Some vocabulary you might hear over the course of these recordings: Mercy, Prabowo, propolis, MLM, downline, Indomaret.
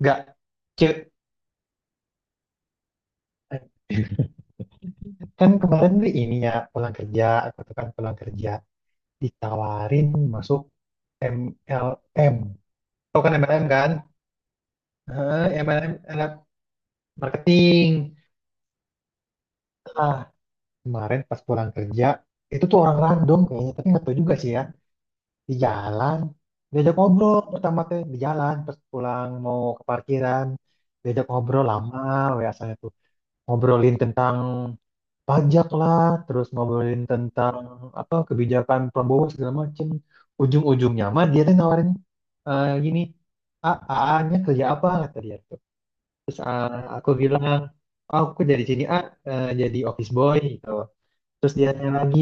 Nggak, ce- kan kemarin nih ini ya pulang kerja, aku tuh kan pulang kerja ditawarin masuk MLM. Tau kan MLM kan? Heeh, MLM, MLM marketing. Ah, kemarin pas pulang kerja itu tuh orang random kayaknya, tapi nggak tahu juga sih ya. Di jalan diajak ngobrol pertama teh di jalan pas pulang mau ke parkiran, diajak ngobrol lama, ya ngobrolin tentang pajak lah, terus ngobrolin tentang apa kebijakan Prabowo segala macem. Ujung-ujungnya mah dia tuh nawarin, gini, "AA-nya kerja apa?" kata dia tuh. Terus ah, aku bilang, "Oh, aku dari sini A, jadi office boy gitu." Terus dia tanya lagi,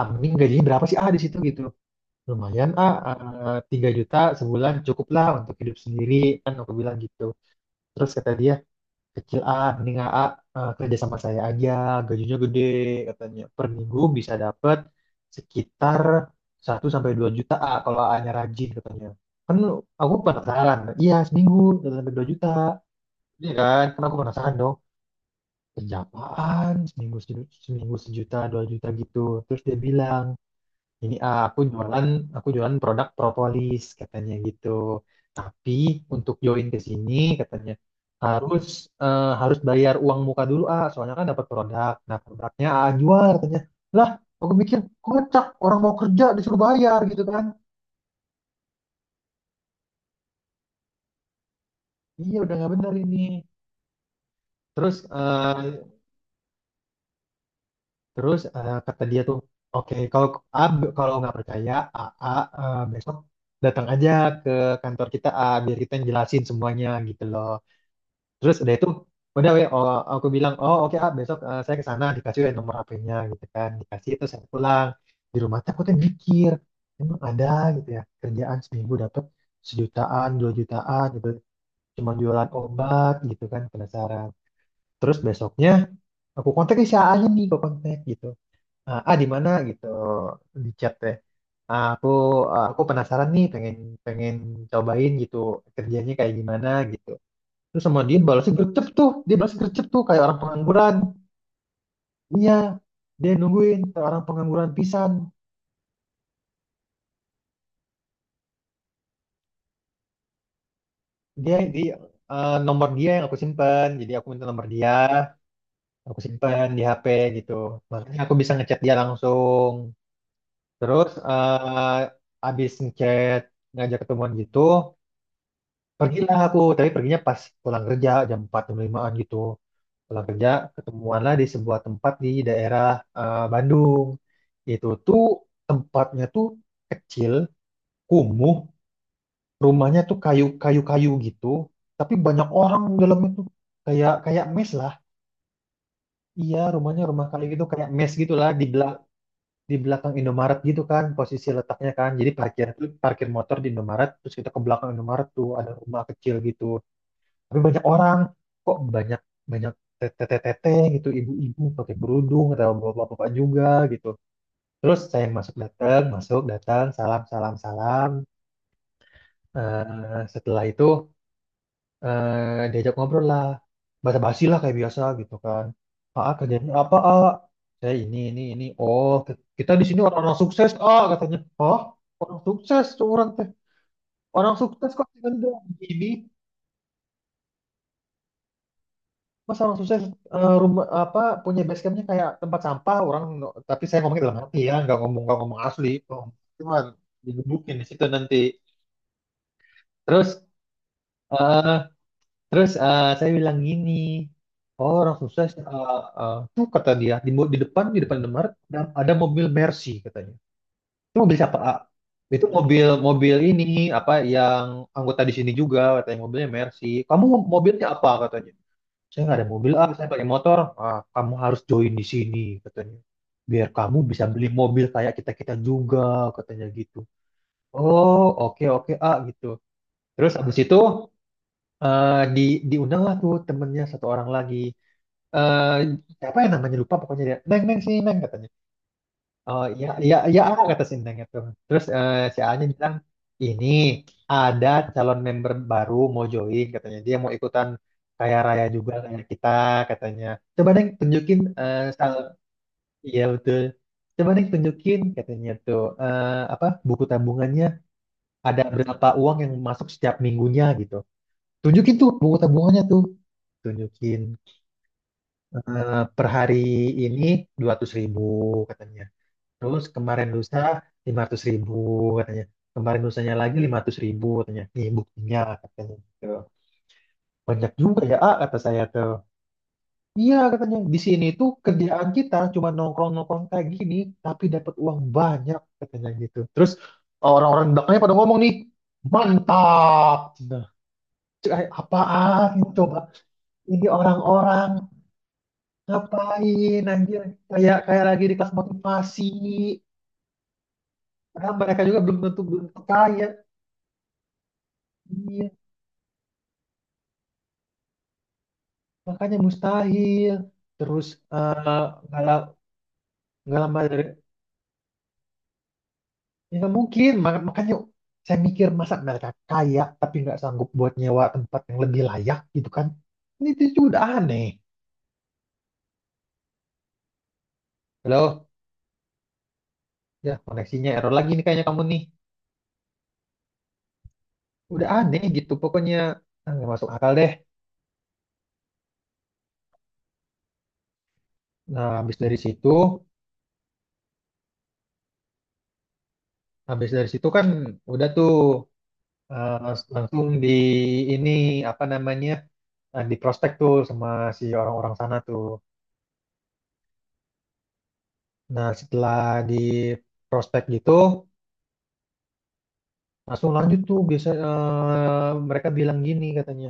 "Amin gajinya berapa sih A di situ gitu?" Lumayan A, 3 juta sebulan cukup lah untuk hidup sendiri, kan aku bilang gitu. Terus kata dia, kecil ah, mending AA, kerja sama saya aja, gajinya gede katanya, per minggu bisa dapat sekitar 1 sampai 2 juta A, kalau A-nya rajin katanya. Kan aku penasaran, iya seminggu 1 sampai 2 juta, iya kan kan aku penasaran dong, kerja apaan seminggu seminggu 1 juta 2 juta gitu. Terus dia bilang ini ah, aku jualan produk propolis katanya gitu. Tapi untuk join ke sini katanya harus harus bayar uang muka dulu ah, soalnya kan dapat produk. Nah, produknya ah jual katanya. Lah, aku mikir kocak, orang mau kerja disuruh bayar gitu kan. Iya udah nggak bener ini. Terus eh, terus kata dia tuh, oke kalau ah, kalau nggak percaya, besok datang aja ke kantor kita ah, biar kita yang jelasin semuanya gitu loh. Terus udah itu, udah weh, oh, aku bilang, oh oke ah besok, saya ke sana, dikasih weh nomor HP-nya gitu kan, dikasih itu saya pulang, di rumah tuh aku tuh mikir, emang ada gitu ya kerjaan seminggu dapat sejutaan, dua jutaan gitu, cuma jualan obat gitu kan, penasaran. Terus besoknya aku kontak si A-nya nih, aku kontak gitu, di mana gitu di chat teh. Ah, aku penasaran nih, pengen pengen cobain gitu kerjanya kayak gimana gitu. Terus sama dia balasnya gercep tuh. Dia balas gercep tuh kayak orang pengangguran. Iya, dia nungguin kayak orang pengangguran pisan. Dia di Nomor dia yang aku simpen. Jadi aku minta nomor dia, aku simpen di HP gitu. Makanya aku bisa ngechat dia langsung. Terus abis ngechat, ngajak ketemuan gitu, pergilah aku. Tapi perginya pas pulang kerja jam 4 jam 5 gitu. Pulang kerja, ketemuanlah di sebuah tempat di daerah, Bandung. Itu tuh tempatnya tuh kecil, kumuh, rumahnya tuh kayu kayu kayu gitu. Tapi banyak orang dalam itu, kayak kayak mes lah. Iya, rumahnya rumah kayu gitu kayak mes gitulah, di di belakang Indomaret gitu kan posisi letaknya kan. Jadi parkir parkir motor di Indomaret, terus kita ke belakang Indomaret tuh ada rumah kecil gitu. Tapi banyak orang, kok banyak banyak tete-tete gitu, ibu-ibu pakai kerudung atau bapak-bapak juga gitu. Terus saya yang masuk, datang masuk datang, salam salam salam. Setelah itu, diajak ngobrol lah, basa-basi lah kayak biasa gitu kan, ah kerjaan apa, ah saya ini, oh kita di sini orang-orang sukses, ah katanya, oh orang sukses tuh, orang teh orang sukses kok dengan gini. Mas orang sukses, rumah apa, punya base campnya kayak tempat sampah orang, tapi saya ngomongin dalam hati ya, nggak ngomong, nggak ngomong asli. Oh, cuma digebukin di situ nanti. Terus eh terus eh, saya bilang gini, oh orang sukses, tuh kata dia di, di depan, Indomaret ada, mobil Mercy katanya. Itu mobil siapa? Ah, itu mobil, ini apa yang anggota di sini juga, katanya mobilnya Mercy. Kamu mobilnya apa katanya. Saya nggak ada mobil ah, saya pakai motor ah, kamu harus join di sini katanya, biar kamu bisa beli mobil kayak kita kita juga katanya gitu. Oh, oke oke ah gitu. Terus habis itu, eh, di diundang lah tuh temennya satu orang lagi, eh siapa yang namanya lupa, pokoknya dia neng, neng sini neng katanya. Oh iya iya iya, aku kata Sinteng itu. Terus si A-nya bilang ini ada calon member baru mau join katanya, dia mau ikutan kaya raya juga kayak kita katanya. Coba deh tunjukin, eh sal iya betul. Coba deh tunjukin katanya tuh, apa buku tabungannya, ada berapa uang yang masuk setiap minggunya gitu. Tunjukin tuh buku tabungannya tuh. Tunjukin, per hari ini 200 ribu katanya. Terus kemarin lusa 500 ribu katanya. Kemarin lusanya lagi 500 ribu katanya. Nih buktinya katanya, gitu. Banyak juga ya A, kata saya tuh. Iya katanya, di sini tuh kerjaan kita cuma nongkrong-nongkrong kayak gini tapi dapat uang banyak katanya gitu. Terus orang-orang di belakangnya pada ngomong nih, mantap. Nah, kayak apaan itu coba? Ini orang-orang ngapain anjir, kayak kayak lagi di kelas motivasi. Padahal mereka juga belum tentu belum kaya. Iya, makanya mustahil. Terus, eh, nggak la- nggak lama dari, ya nggak mungkin. Makanya saya mikir, masa mereka kaya tapi nggak sanggup buat nyewa tempat yang lebih layak gitu kan? Ini itu udah aneh. Halo, ya koneksinya error lagi nih kayaknya, kamu nih. Udah aneh gitu pokoknya, ah nggak masuk akal deh. Nah, habis dari situ, kan udah tuh, langsung di ini apa namanya, di prospek tuh sama si orang-orang sana tuh. Nah, setelah di prospek gitu, langsung lanjut tuh. Biasa, mereka bilang gini katanya,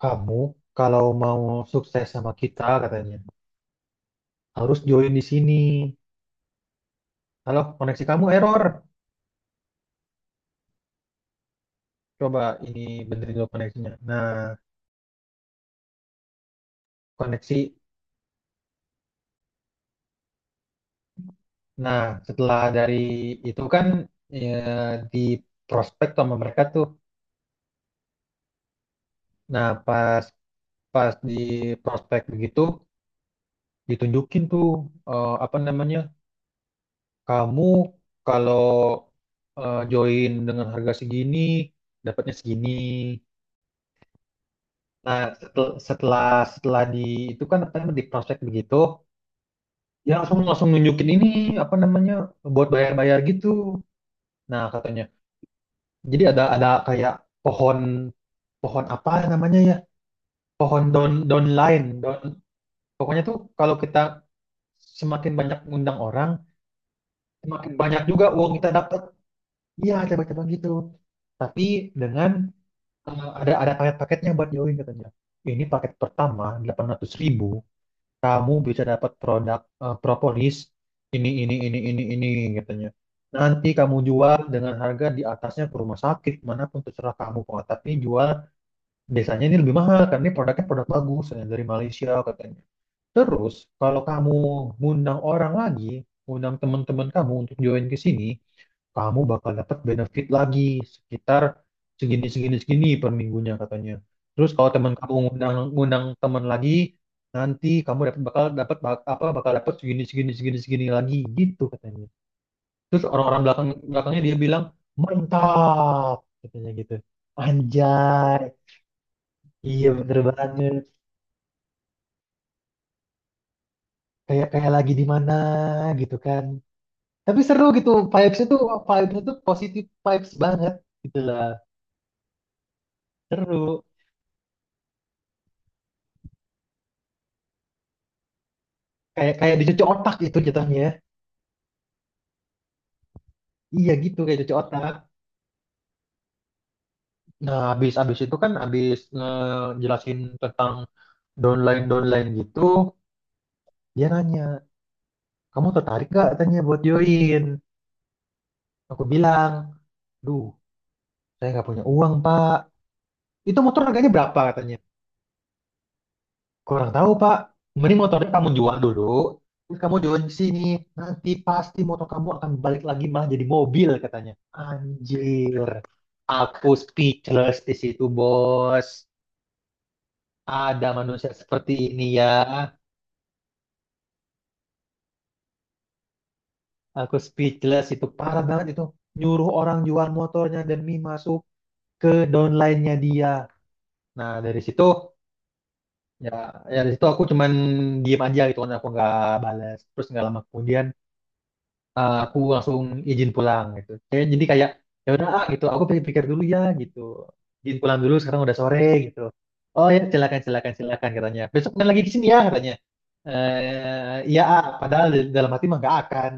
kamu kalau mau sukses sama kita katanya, harus join di sini. Kalau koneksi kamu error, coba ini benerin dulu koneksinya. Nah, koneksi. Nah, setelah dari itu kan ya, di prospek sama mereka tuh. Nah, pas pas di prospek begitu, ditunjukin tuh, apa namanya? Kamu kalau, join dengan harga segini, dapatnya segini. Nah, setel- setelah setelah, di itu kan apa namanya, di prospek begitu, dia langsung langsung nunjukin ini apa namanya buat bayar-bayar gitu. Nah, katanya. Jadi ada kayak pohon, apa namanya ya? Pohon downline, pokoknya tuh kalau kita semakin banyak ngundang orang, semakin banyak juga uang kita dapat. Iya, coba-coba gitu tapi dengan, ada paket-paketnya buat join katanya. Ini paket pertama 800.000 ribu, kamu bisa dapat produk, propolis ini ini ini ini katanya. Nanti kamu jual dengan harga di atasnya ke rumah sakit manapun, terserah kamu kok. Tapi jual, biasanya ini lebih mahal karena ini produknya produk bagus, dari Malaysia katanya. Terus, kalau kamu ngundang orang lagi, ngundang teman-teman kamu untuk join ke sini, kamu bakal dapat benefit lagi sekitar segini segini segini per minggunya katanya. Terus kalau teman kamu ngundang ngundang teman lagi, nanti kamu dapat, bakal dapat segini segini segini segini lagi gitu katanya. Terus orang-orang belakangnya dia bilang mantap katanya gitu. Anjay, iya bener banget. Kayak kayak lagi di mana gitu kan. Tapi seru gitu, vibes-nya tuh positif vibes banget gitu lah. Seru. Kayak kayak dicuci otak gitu jatuhnya, ya. Iya gitu, kayak cuci otak. Nah, habis habis itu kan, habis ngejelasin tentang downline-downline gitu, dia nanya, "Kamu tertarik gak?" tanya buat join. Aku bilang, "Duh, saya nggak punya uang, Pak." Itu motor harganya berapa katanya? Kurang tahu, Pak. Mending motornya kamu jual dulu. Terus kamu jual di sini. Nanti pasti motor kamu akan balik lagi, malah jadi mobil katanya. Anjir. Aku speechless di situ, Bos. Ada manusia seperti ini ya. Aku speechless, itu parah banget itu. Nyuruh orang jual motornya demi masuk ke downline-nya dia. Nah, dari situ, ya ya dari situ aku cuman diem aja gitu kan, aku nggak balas, terus nggak lama kemudian, aku langsung izin pulang gitu. Saya jadi kayak ya udah ah, gitu, aku pikir-pikir dulu ya gitu. Izin pulang dulu, sekarang udah sore gitu. Oh ya silakan silakan silakan katanya. Besok main lagi ke sini ya katanya. Eh iya ah, padahal di dalam hati mah gak akan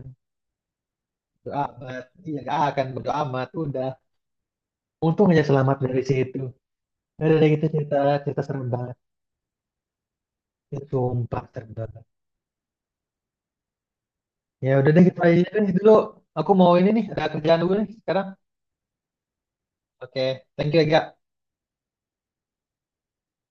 berdoa amat, iya gak akan berdoa amat. Udah untung aja selamat dari situ. "Ya udah deh gitu, cerita cerita serem banget. Ya, sumpah serem banget. Ya udah deh gitu aja deh dulu. Aku mau ini nih, ada kerjaan dulu nih sekarang. Oke, thank you ya.